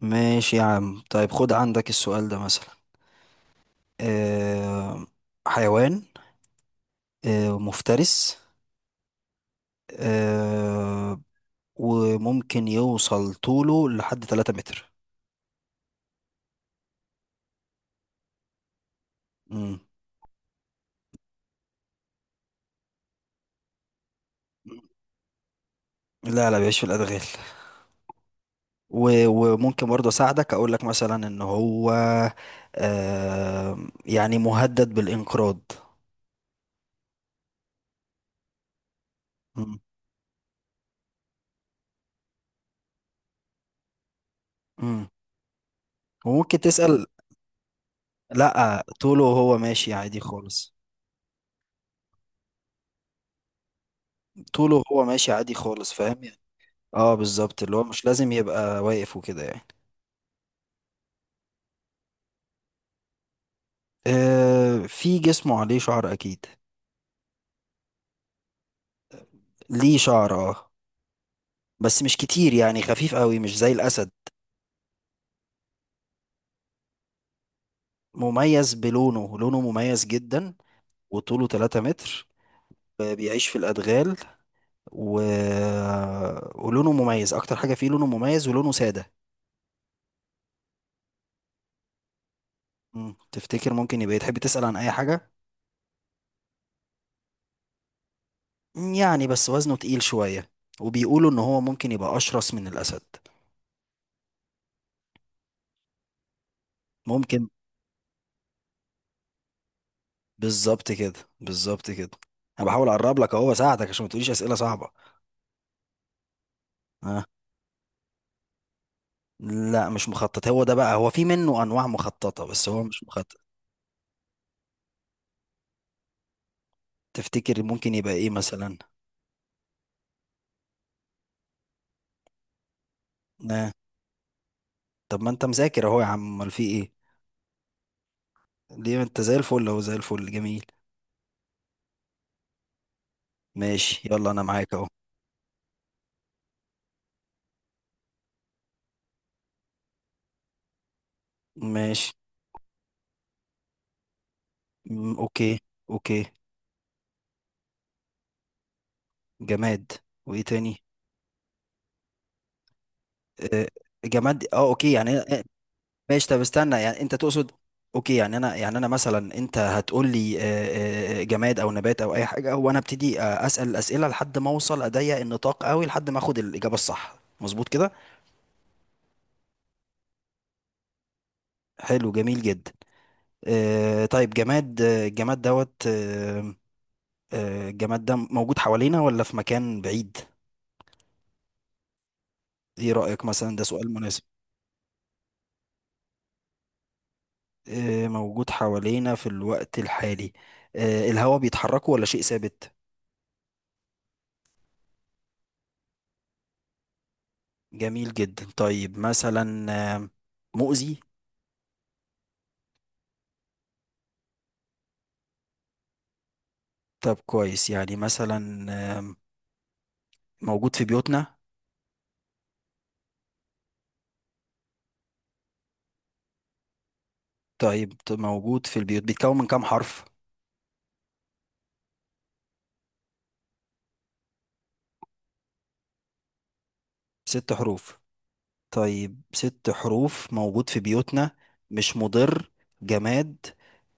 ماشي يا عم، طيب خد عندك السؤال ده مثلا. آه. حيوان. آه مفترس. آه. وممكن يوصل طوله لحد 3 متر. مم. لا لا بيعيش في الأدغال. و- وممكن برضه أساعدك أقول لك مثلا إن هو آه يعني مهدد بالانقراض. مم. مم. وممكن تسأل. لا طوله وهو ماشي عادي خالص. طوله وهو ماشي عادي خالص، فاهم. اه بالظبط، اللي هو مش لازم يبقى واقف وكده يعني. آه في جسمه عليه شعر اكيد. ليه شعر اه. بس مش كتير، يعني خفيف قوي مش زي الاسد. مميز بلونه، لونه مميز جدا. وطوله 3 متر. آه، بيعيش في الادغال و... ولونه مميز، اكتر حاجة فيه لونه مميز ولونه سادة. مم. تفتكر ممكن يبقى إيه؟ تحب تسأل عن اي حاجة؟ يعني بس وزنه تقيل شوية، وبيقولوا ان هو ممكن يبقى اشرس من الاسد. ممكن. بالظبط كده. بالظبط كده. انا بحاول اقرب لك اهو، بساعدك عشان ما تقوليش اسئله صعبه. ها. لا مش مخطط، هو ده بقى هو في منه انواع مخططه بس هو مش مخطط. تفتكر ممكن يبقى ايه مثلا؟ ها. طب ما انت مذاكر اهو يا عم، امال في ايه؟ ليه انت زي الفل اهو، زي الفل جميل. ماشي يلا انا معاك اهو. ماشي. اوكي. اوكي. جماد. وايه تاني؟ آه، جماد اه اوكي يعني. ماشي طب استنى يعني انت تقصد. اوكي يعني انا، يعني انا مثلا انت هتقول لي جماد او نبات او اي حاجه، وانا ابتدي اسال الاسئله لحد ما اوصل اضيق النطاق قوي لحد ما اخد الاجابه الصح، مظبوط كده. حلو جميل جدا. طيب جماد، الجماد دوت الجماد ده موجود حوالينا ولا في مكان بعيد؟ ايه رايك، مثلا ده سؤال مناسب؟ موجود حوالينا في الوقت الحالي. الهواء بيتحركه ولا شيء ثابت؟ جميل جدا. طيب مثلا آم، مؤذي؟ طب كويس، يعني مثلا آم، موجود في بيوتنا؟ طيب موجود في البيوت، بيتكون من كام حرف؟ 6 حروف. طيب 6 حروف، موجود في بيوتنا، مش مضر، جماد.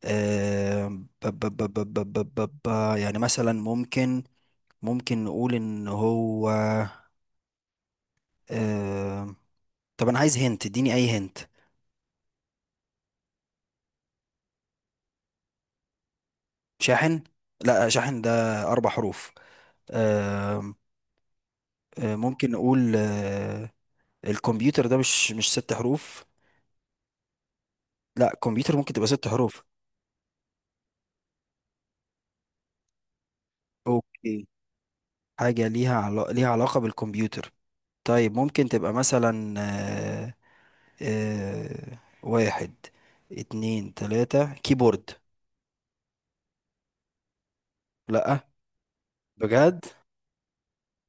آم، ب- ب- ب- ب- ب- ب- ب- ب- يعني مثلا ممكن. ممكن نقول ان هو آم، طب انا عايز هنت، اديني اي هنت. شاحن. لا شاحن ده 4 حروف. آم، ممكن نقول الكمبيوتر ده مش 6 حروف. لا كمبيوتر ممكن تبقى 6 حروف. اوكي. حاجة ليها علاقة بالكمبيوتر. طيب ممكن تبقى مثلا 1 2 3، كيبورد. لا. بجد.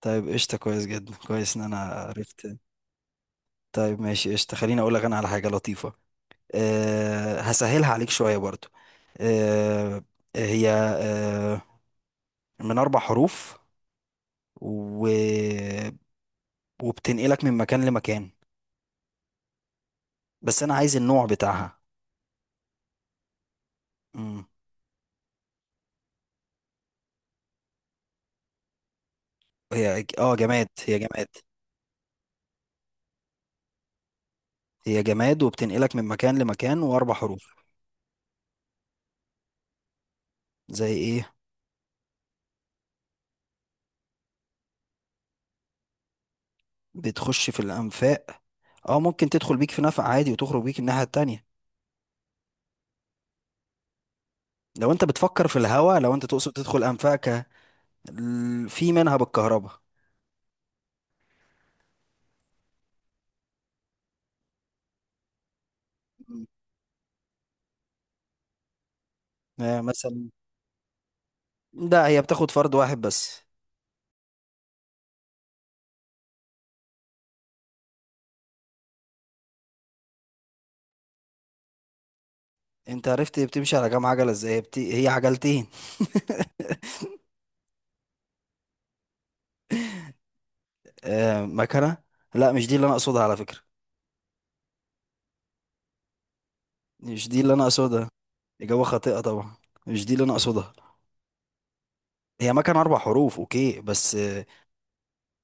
طيب قشطة، كويس جدا كويس ان انا عرفت. طيب ماشي قشطة، خليني اقول لك انا على حاجة لطيفة. أه هسهلها عليك شوية برضو. أه هي أه من 4 حروف و... وبتنقلك من مكان لمكان، بس انا عايز النوع بتاعها. امم. هي اه جماد، هي جماد. هي جماد وبتنقلك من مكان لمكان، واربع حروف. زي ايه؟ بتخش في الانفاق. اه ممكن تدخل بيك في نفق عادي وتخرج بيك الناحية التانية، لو انت بتفكر في الهوا، لو انت تقصد تدخل انفاقك. في منها بالكهرباء. مم. آه مثلا. لا هي بتاخد فرد واحد بس. انت عرفت بتمشي على كام عجلة ازاي، هي عجلتين. آه مكنة. لا مش دي اللي انا اقصدها على فكرة. مش دي اللي انا اقصدها. إجابة خاطئة طبعا. مش دي اللي انا اقصدها. هي مكنة 4 حروف اوكي، بس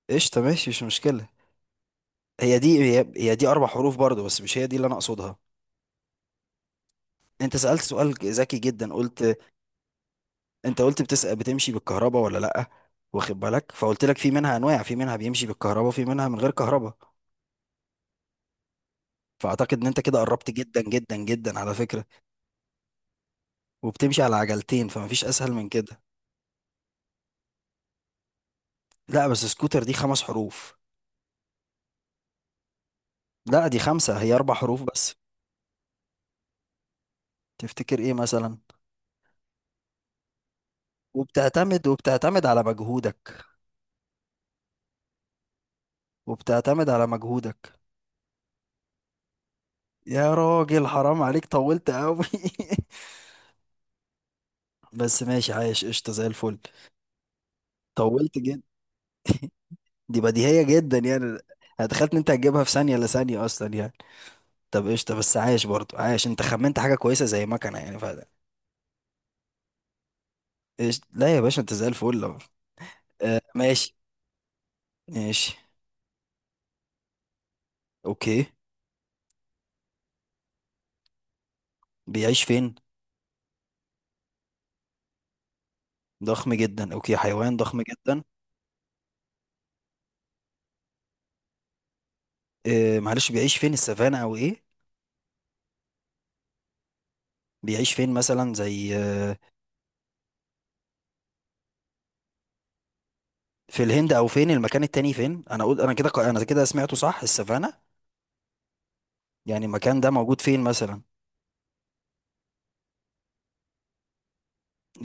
قشطة ماشي مش مشكلة. هي دي 4 حروف برضو، بس مش هي دي اللي انا اقصدها. انت سألت سؤال ذكي جدا، قلت، انت قلت بتسأل بتمشي بالكهرباء ولا لا. واخد بالك، فقلت لك في منها انواع، في منها بيمشي بالكهرباء في منها من غير كهرباء. فاعتقد ان انت كده قربت جدا جدا جدا على فكرة. وبتمشي على عجلتين، فمفيش اسهل من كده. لا بس سكوتر دي 5 حروف. لا دي خمسة، هي 4 حروف بس. تفتكر إيه مثلا؟ وبتعتمد على مجهودك. وبتعتمد على مجهودك. يا راجل حرام عليك، طولت قوي. بس ماشي عايش قشطة زي الفل. طولت جدا. دي بديهية جدا يعني. هتخيل إن أنت هتجيبها في ثانية، لا ثانية أصلا يعني. طب قشطة، بس عايش برضو، عايش، أنت خمنت حاجة كويسة زي مكنة يعني فعلا. إيش، لا يا باشا أنت زي الفل. آه ماشي. ماشي. أوكي. بيعيش فين؟ ضخم جدا، أوكي، حيوان ضخم جدا. معلش بيعيش فين، السافانا او ايه؟ بيعيش فين مثلا زي في الهند، او فين المكان التاني، فين انا اقول، انا كده سمعته صح السافانا. يعني المكان ده موجود فين مثلا؟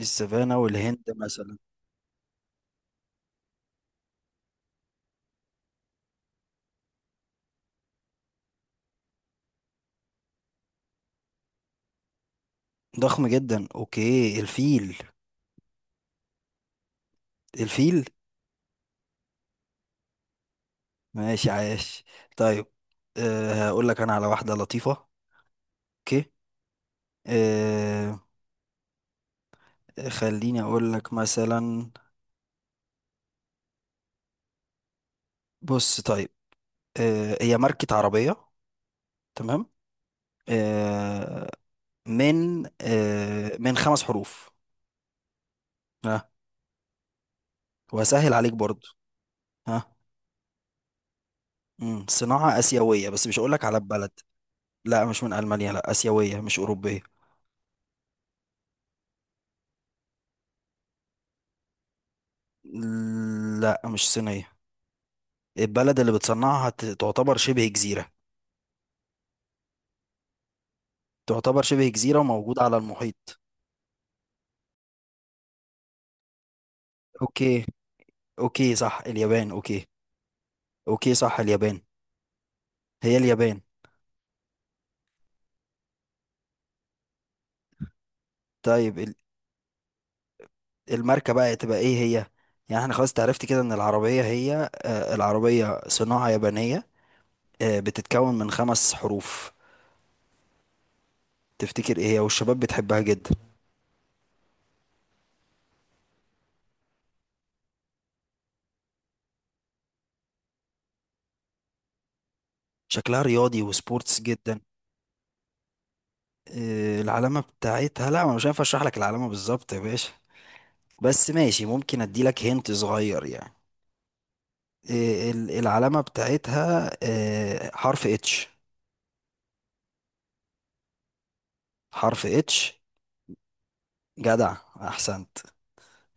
السافانا والهند مثلا. ضخم جدا، اوكي الفيل. الفيل. ماشي عاش. طيب أه هقول لك انا على واحدة لطيفة. اوكي. أه. خليني اقول لك مثلا. بص طيب. أه هي ماركة عربية. تمام. آه، من من 5 حروف. ها. وهسهل عليك برضو. ها. مم. صناعة آسيوية بس مش هقولك على البلد. لا مش من ألمانيا، لا آسيوية مش أوروبية. لا مش صينية. البلد اللي بتصنعها تعتبر شبه جزيرة. تعتبر شبه جزيرة وموجودة على المحيط. أوكي. أوكي صح اليابان أوكي. أوكي صح اليابان. هي اليابان. طيب الماركة بقى تبقى إيه هي؟ يعني احنا خلاص تعرفت كده إن العربية هي العربية صناعة يابانية. بتتكون من 5 حروف. تفتكر ايه هي، والشباب بتحبها جدا. شكلها رياضي وسبورتس جدا. العلامة بتاعتها، لا أنا مش هينفع اشرح لك العلامة بالظبط يا باشا. بس ماشي ممكن اديلك هنت صغير يعني. العلامة بتاعتها حرف اتش. حرف اتش. جدع. احسنت.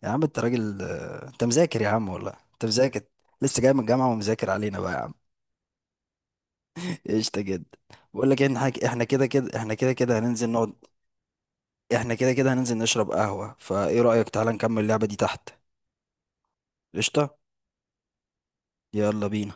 يا عم انت راجل، انت مذاكر يا عم والله انت مذاكر. لسه جاي من الجامعة ومذاكر علينا بقى يا عم. قشطة جدا. بقول لك إيه، إن احنا كده كده، هننزل نقعد. احنا كده كده هننزل نشرب قهوة، فايه رأيك تعالى نكمل اللعبة دي تحت. قشطة. يلا بينا.